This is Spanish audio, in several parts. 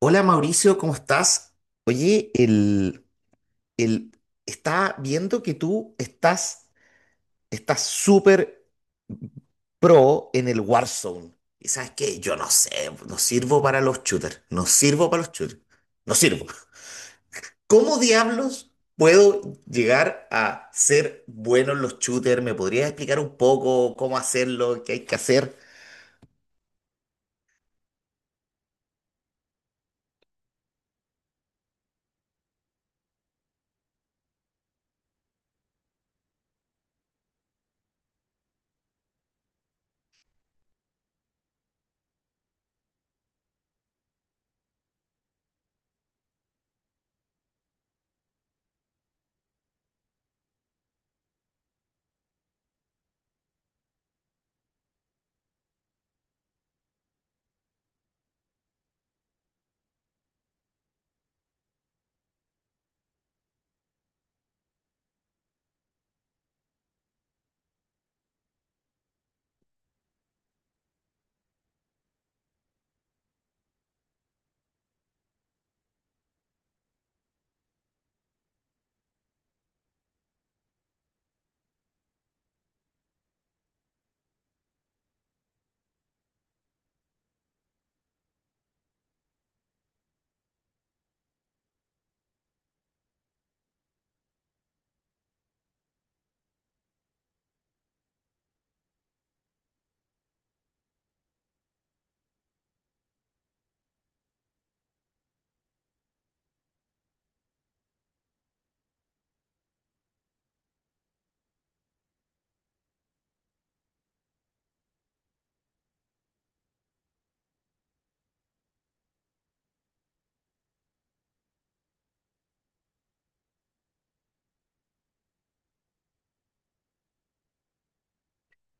Hola, Mauricio, ¿cómo estás? Oye, el, está viendo que tú estás súper pro en el Warzone. ¿Y sabes qué? Yo no sé, no sirvo para los shooters, no sirvo para los shooters, no sirvo. ¿Cómo diablos puedo llegar a ser bueno en los shooters? ¿Me podrías explicar un poco cómo hacerlo, qué hay que hacer?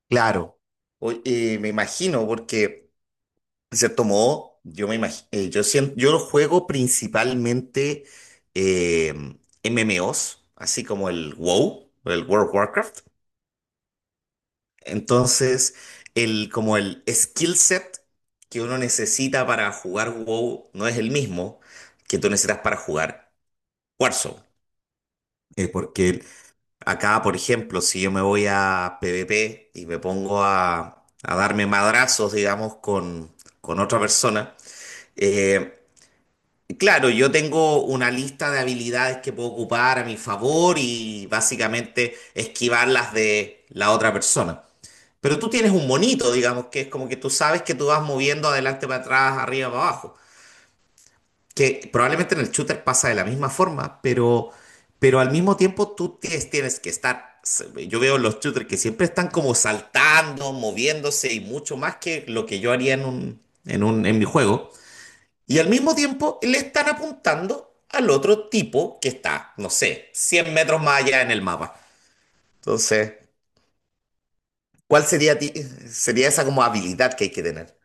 Claro, me imagino, porque se tomó yo me imagino, yo siento, yo lo juego principalmente eh, MMOs, así como el WoW, el World of Warcraft. Entonces, como el skill set que uno necesita para jugar WoW no es el mismo que tú necesitas para jugar Warzone. Porque acá, por ejemplo, si yo me voy a PvP y me pongo a darme madrazos, digamos, con otra persona, eh, claro, yo tengo una lista de habilidades que puedo ocupar a mi favor y básicamente esquivar las de la otra persona. Pero tú tienes un monito, digamos, que es como que tú sabes que tú vas moviendo adelante para atrás, arriba para abajo. Que probablemente en el shooter pasa de la misma forma, pero al mismo tiempo tú tienes que estar. Yo veo los shooters que siempre están como saltando, moviéndose y mucho más que lo que yo haría en un, en un, en mi juego. Y al mismo tiempo le están apuntando al otro tipo que está, no sé, 100 metros más allá en el mapa. Entonces, ¿cuál sería, ti- sería esa como habilidad que hay que tener?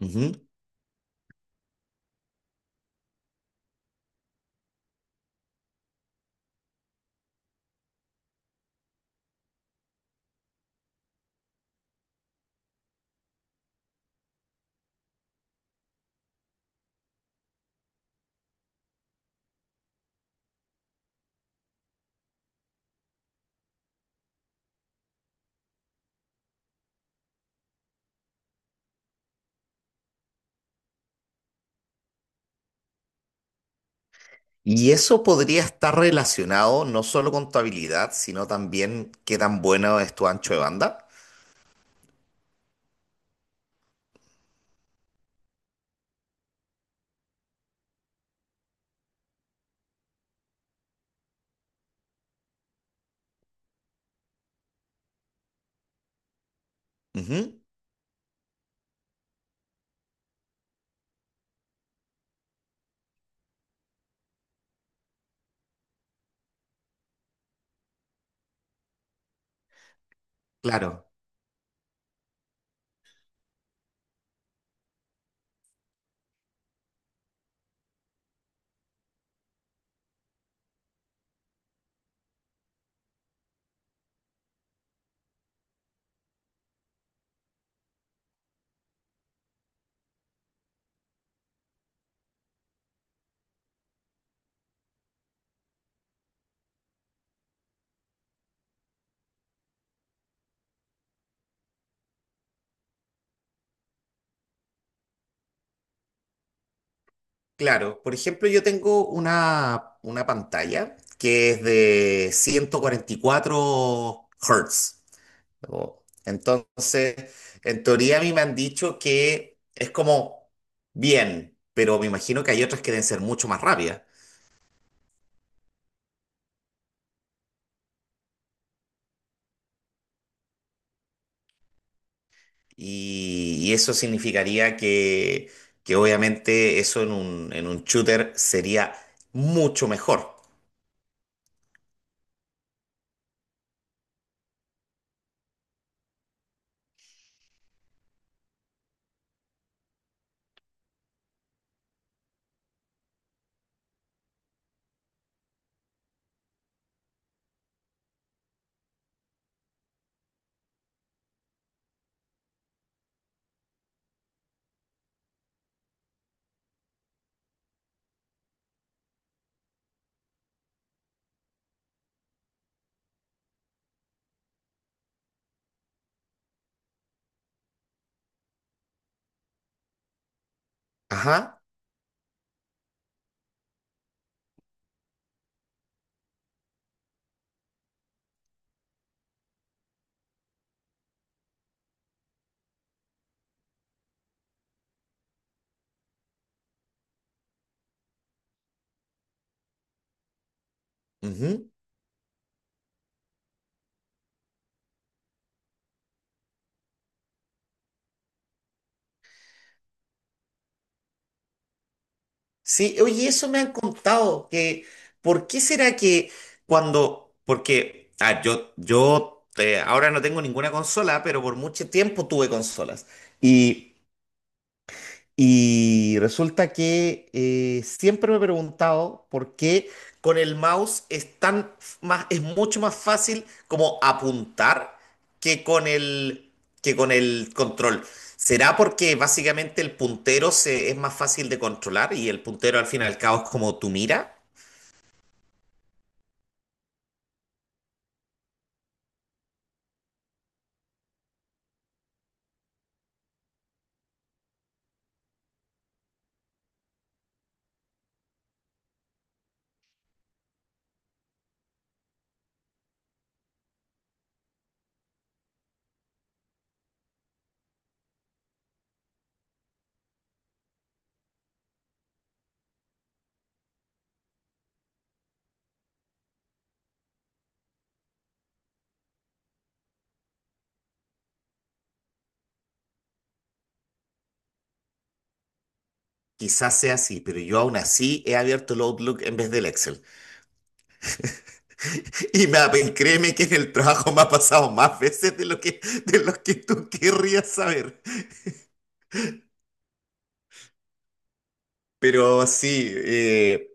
Ujú. Y eso podría estar relacionado no solo con tu habilidad, sino también qué tan bueno es tu ancho de banda. Ujú. Claro, claro. Por ejemplo, yo tengo una pantalla que es de 144 Hz. Oh. Entonces, en teoría a mí me han dicho que es como bien, pero me imagino que hay otras que deben ser mucho más rápidas. Y eso significaría que obviamente eso en un shooter sería mucho mejor. Ajá. Ujú. Sí, oye, eso me han contado, que ¿por qué será que cuando, porque, ah, yo ahora no tengo ninguna consola, pero por mucho tiempo tuve consolas. Y Y resulta que siempre me he preguntado por qué con el mouse es más, es mucho más fácil como apuntar que con el que con el control. ¿Será porque básicamente el puntero es más fácil de controlar y el puntero al fin y al cabo es como tu mira? Quizás sea así, pero yo aún así he abierto el Outlook en vez del Excel. Y me, créeme que en el trabajo me ha pasado más veces de lo que tú querrías saber. Pero sí,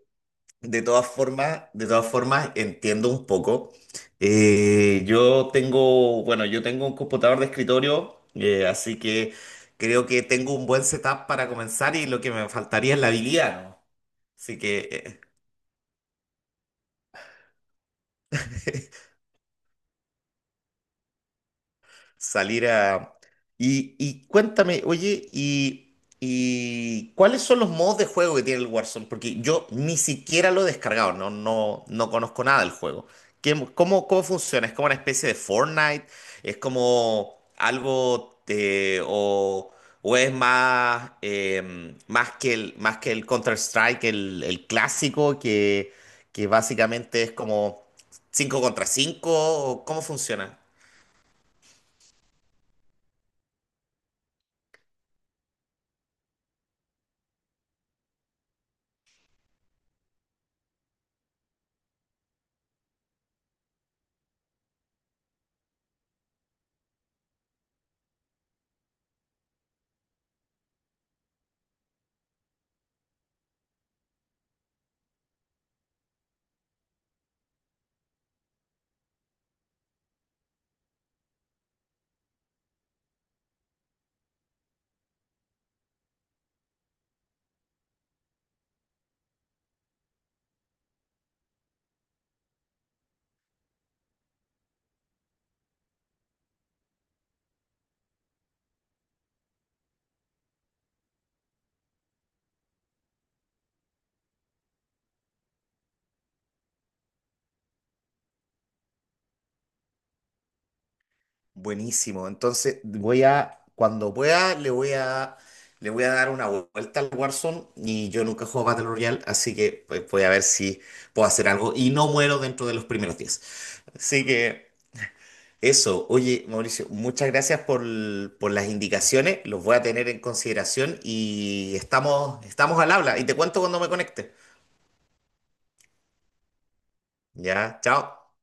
de todas formas entiendo un poco. Yo tengo, bueno, yo tengo un computador de escritorio, así que creo que tengo un buen setup para comenzar y lo que me faltaría es la habilidad, ¿no? Así que eh, salir a... y cuéntame, oye, y ¿cuáles son los modos de juego que tiene el Warzone? Porque yo ni siquiera lo he descargado, no, no, no conozco nada del juego. ¿Qué, cómo, cómo funciona? ¿Es como una especie de Fortnite? ¿Es como algo de, o es más, más que el Counter-Strike, el clásico, que básicamente es como 5 contra 5? ¿Cómo funciona? Buenísimo. Entonces voy a, cuando pueda, le voy a dar una vuelta al Warzone y yo nunca juego Battle Royale, así que pues, voy a ver si puedo hacer algo y no muero dentro de los primeros 10. Así que eso, oye, Mauricio, muchas gracias por, por las indicaciones, los voy a tener en consideración y estamos, estamos al habla y te cuento cuando me conecte. Ya, chao.